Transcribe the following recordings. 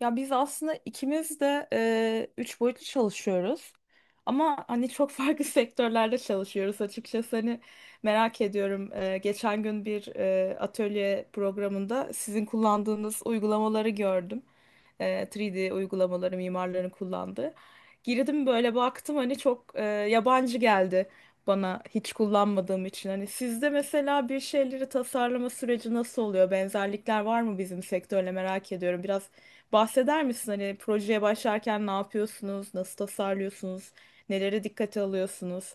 Ya biz aslında ikimiz de üç boyutlu çalışıyoruz. Ama hani çok farklı sektörlerde çalışıyoruz açıkçası. Hani merak ediyorum. Geçen gün bir atölye programında sizin kullandığınız uygulamaları gördüm. 3D uygulamaları mimarların kullandığı. Girdim böyle baktım hani çok yabancı geldi bana hiç kullanmadığım için. Hani sizde mesela bir şeyleri tasarlama süreci nasıl oluyor? Benzerlikler var mı bizim sektörle merak ediyorum. Biraz bahseder misin? Hani projeye başlarken ne yapıyorsunuz? Nasıl tasarlıyorsunuz? Nelere dikkate alıyorsunuz?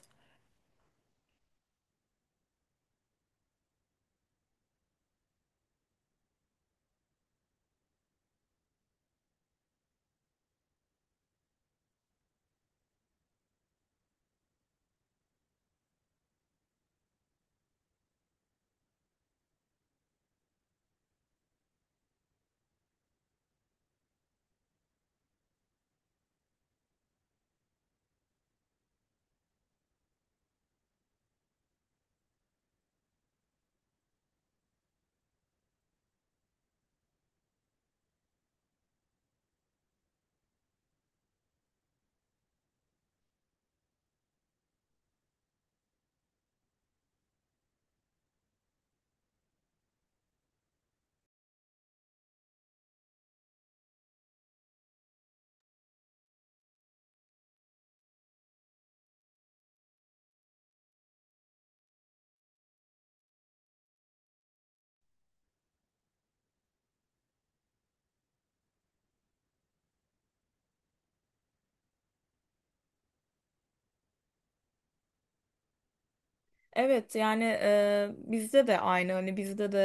Evet, yani bizde de aynı, hani bizde de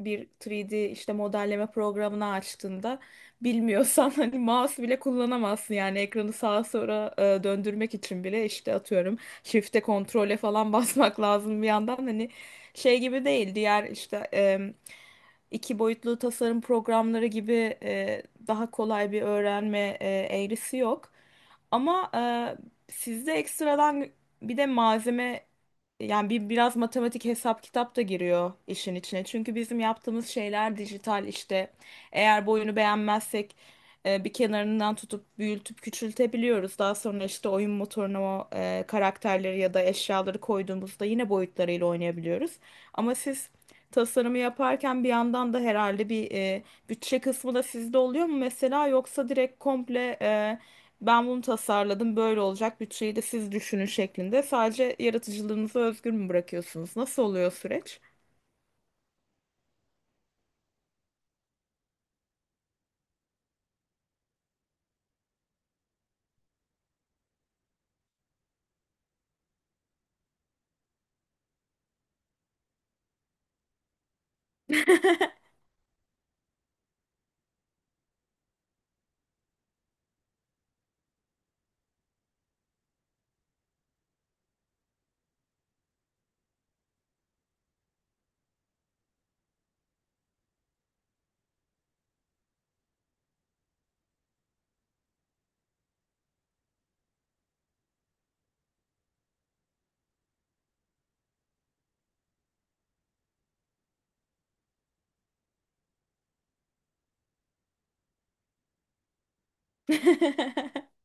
e, bir 3D işte modelleme programını açtığında bilmiyorsan hani mouse bile kullanamazsın, yani ekranı sağa sola döndürmek için bile işte atıyorum shift'e, kontrole falan basmak lazım. Bir yandan hani şey gibi değil, diğer işte iki boyutlu tasarım programları gibi daha kolay bir öğrenme eğrisi yok. Ama sizde ekstradan bir de malzeme, yani biraz matematik, hesap kitap da giriyor işin içine. Çünkü bizim yaptığımız şeyler dijital işte. Eğer boyunu beğenmezsek bir kenarından tutup büyültüp küçültebiliyoruz. Daha sonra işte oyun motoruna o karakterleri ya da eşyaları koyduğumuzda yine boyutlarıyla oynayabiliyoruz. Ama siz tasarımı yaparken bir yandan da herhalde bir bütçe kısmı da sizde oluyor mu mesela, yoksa direkt komple ben bunu tasarladım, böyle olacak, bütçeyi de siz düşünün şeklinde sadece yaratıcılığınızı özgür mü bırakıyorsunuz? Nasıl oluyor süreç?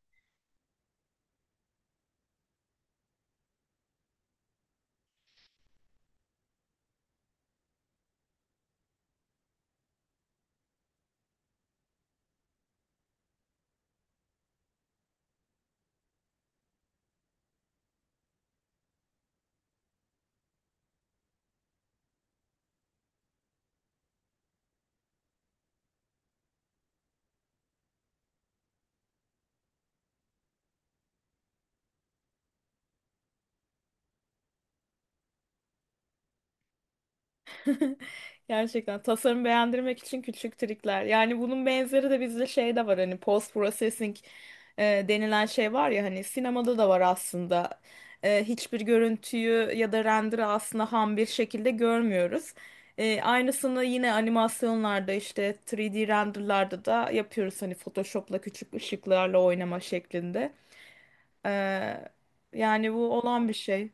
Gerçekten tasarım beğendirmek için küçük trikler. Yani bunun benzeri de bizde şey de var, hani post processing denilen şey var ya, hani sinemada da var aslında. Hiçbir görüntüyü ya da render'ı aslında ham bir şekilde görmüyoruz. Aynısını yine animasyonlarda, işte 3D renderlarda da yapıyoruz, hani Photoshop'la küçük ışıklarla oynama şeklinde. E, Yani bu olan bir şey.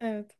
Evet.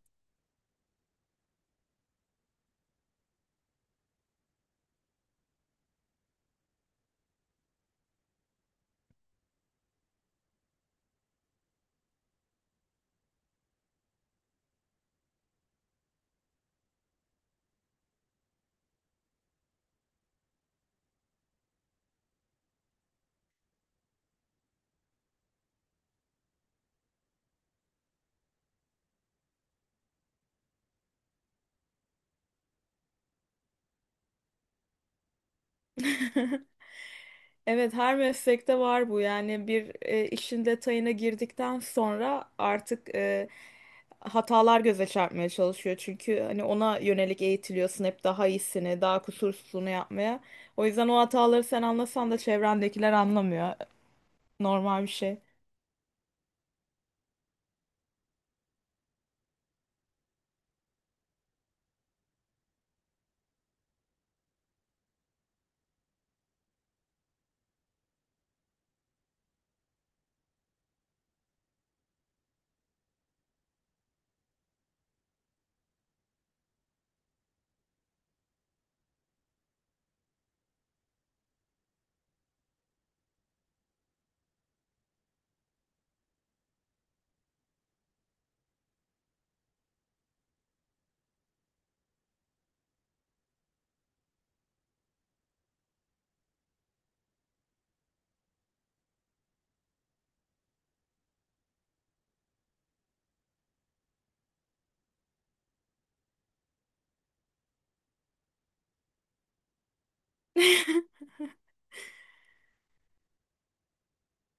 Evet, her meslekte var bu. Yani bir işin detayına girdikten sonra artık hatalar göze çarpmaya çalışıyor. Çünkü hani ona yönelik eğitiliyorsun hep daha iyisini, daha kusursuzunu yapmaya. O yüzden o hataları sen anlasan da çevrendekiler anlamıyor. Normal bir şey.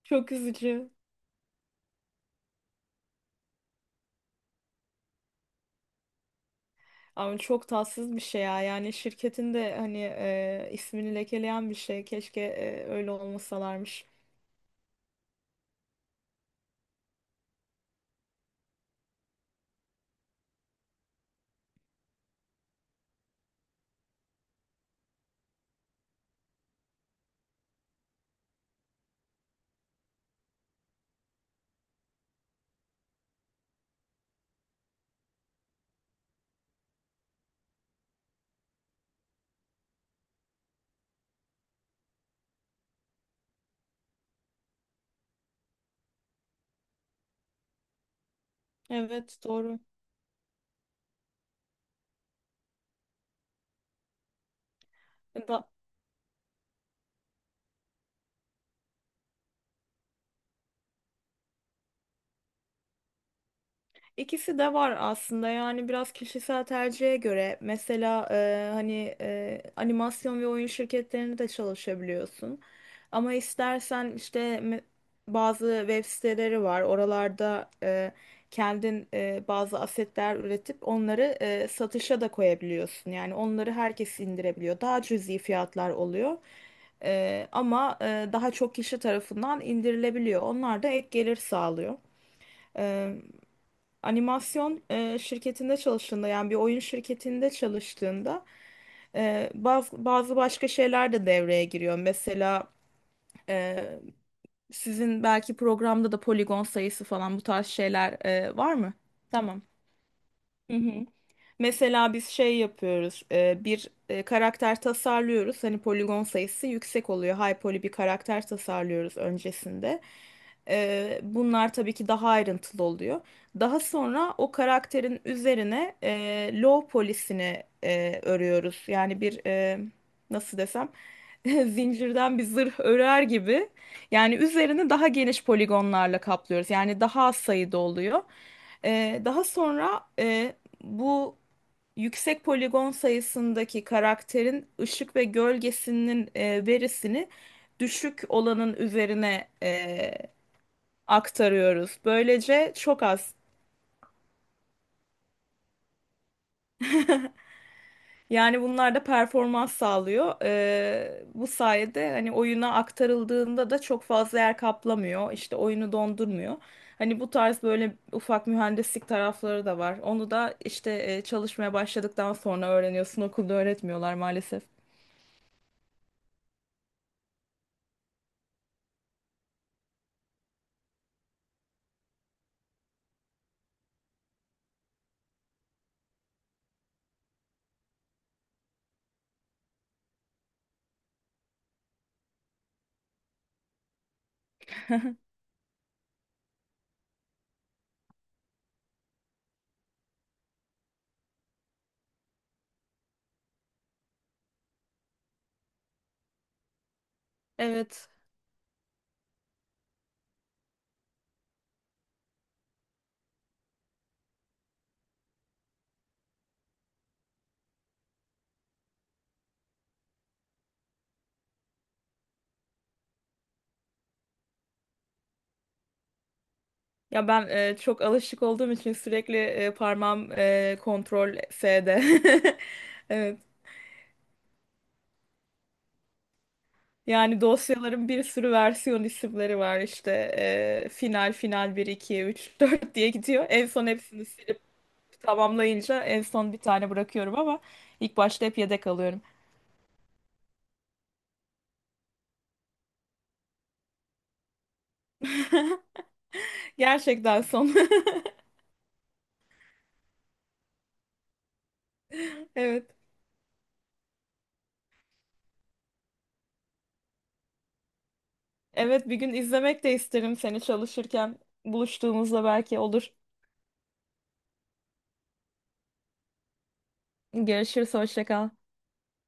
Çok üzücü. Ama çok tatsız bir şey ya. Yani şirketin de hani ismini lekeleyen bir şey. Keşke öyle olmasalarmış. Evet, doğru. E, Da- İkisi de var aslında, yani biraz kişisel tercihe göre. Mesela hani animasyon ve oyun şirketlerinde de çalışabiliyorsun, ama istersen işte bazı web siteleri var, oralarda kendin bazı asetler üretip onları satışa da koyabiliyorsun. Yani onları herkes indirebiliyor, daha cüzi fiyatlar oluyor. Ama daha çok kişi tarafından indirilebiliyor, onlar da ek gelir sağlıyor. Animasyon şirketinde çalıştığında, yani bir oyun şirketinde çalıştığında bazı başka şeyler de devreye giriyor. Mesela e, sizin belki programda da poligon sayısı falan, bu tarz şeyler var mı? Tamam. Hı hı. Mesela biz şey yapıyoruz, karakter tasarlıyoruz. Hani poligon sayısı yüksek oluyor. High poly bir karakter tasarlıyoruz öncesinde. Bunlar tabii ki daha ayrıntılı oluyor. Daha sonra o karakterin üzerine low poly'sini örüyoruz. Yani bir, nasıl desem zincirden bir zırh örer gibi. Yani üzerini daha geniş poligonlarla kaplıyoruz. Yani daha az sayıda oluyor. Daha sonra bu yüksek poligon sayısındaki karakterin ışık ve gölgesinin verisini düşük olanın üzerine aktarıyoruz. Böylece çok az. Yani bunlar da performans sağlıyor. Bu sayede hani oyuna aktarıldığında da çok fazla yer kaplamıyor. İşte oyunu dondurmuyor. Hani bu tarz böyle ufak mühendislik tarafları da var. Onu da işte çalışmaya başladıktan sonra öğreniyorsun. Okulda öğretmiyorlar maalesef. Evet. Ya ben çok alışık olduğum için sürekli parmağım kontrol F'de. Evet. Yani dosyaların bir sürü versiyon isimleri var işte. Final, final bir, iki, 3 4 diye gidiyor. En son hepsini silip tamamlayınca en son bir tane bırakıyorum, ama ilk başta hep yedek alıyorum. Gerçekten son. Evet. Evet, bir gün izlemek de isterim seni çalışırken. Buluştuğumuzda belki olur. Görüşürüz, hoşça kal.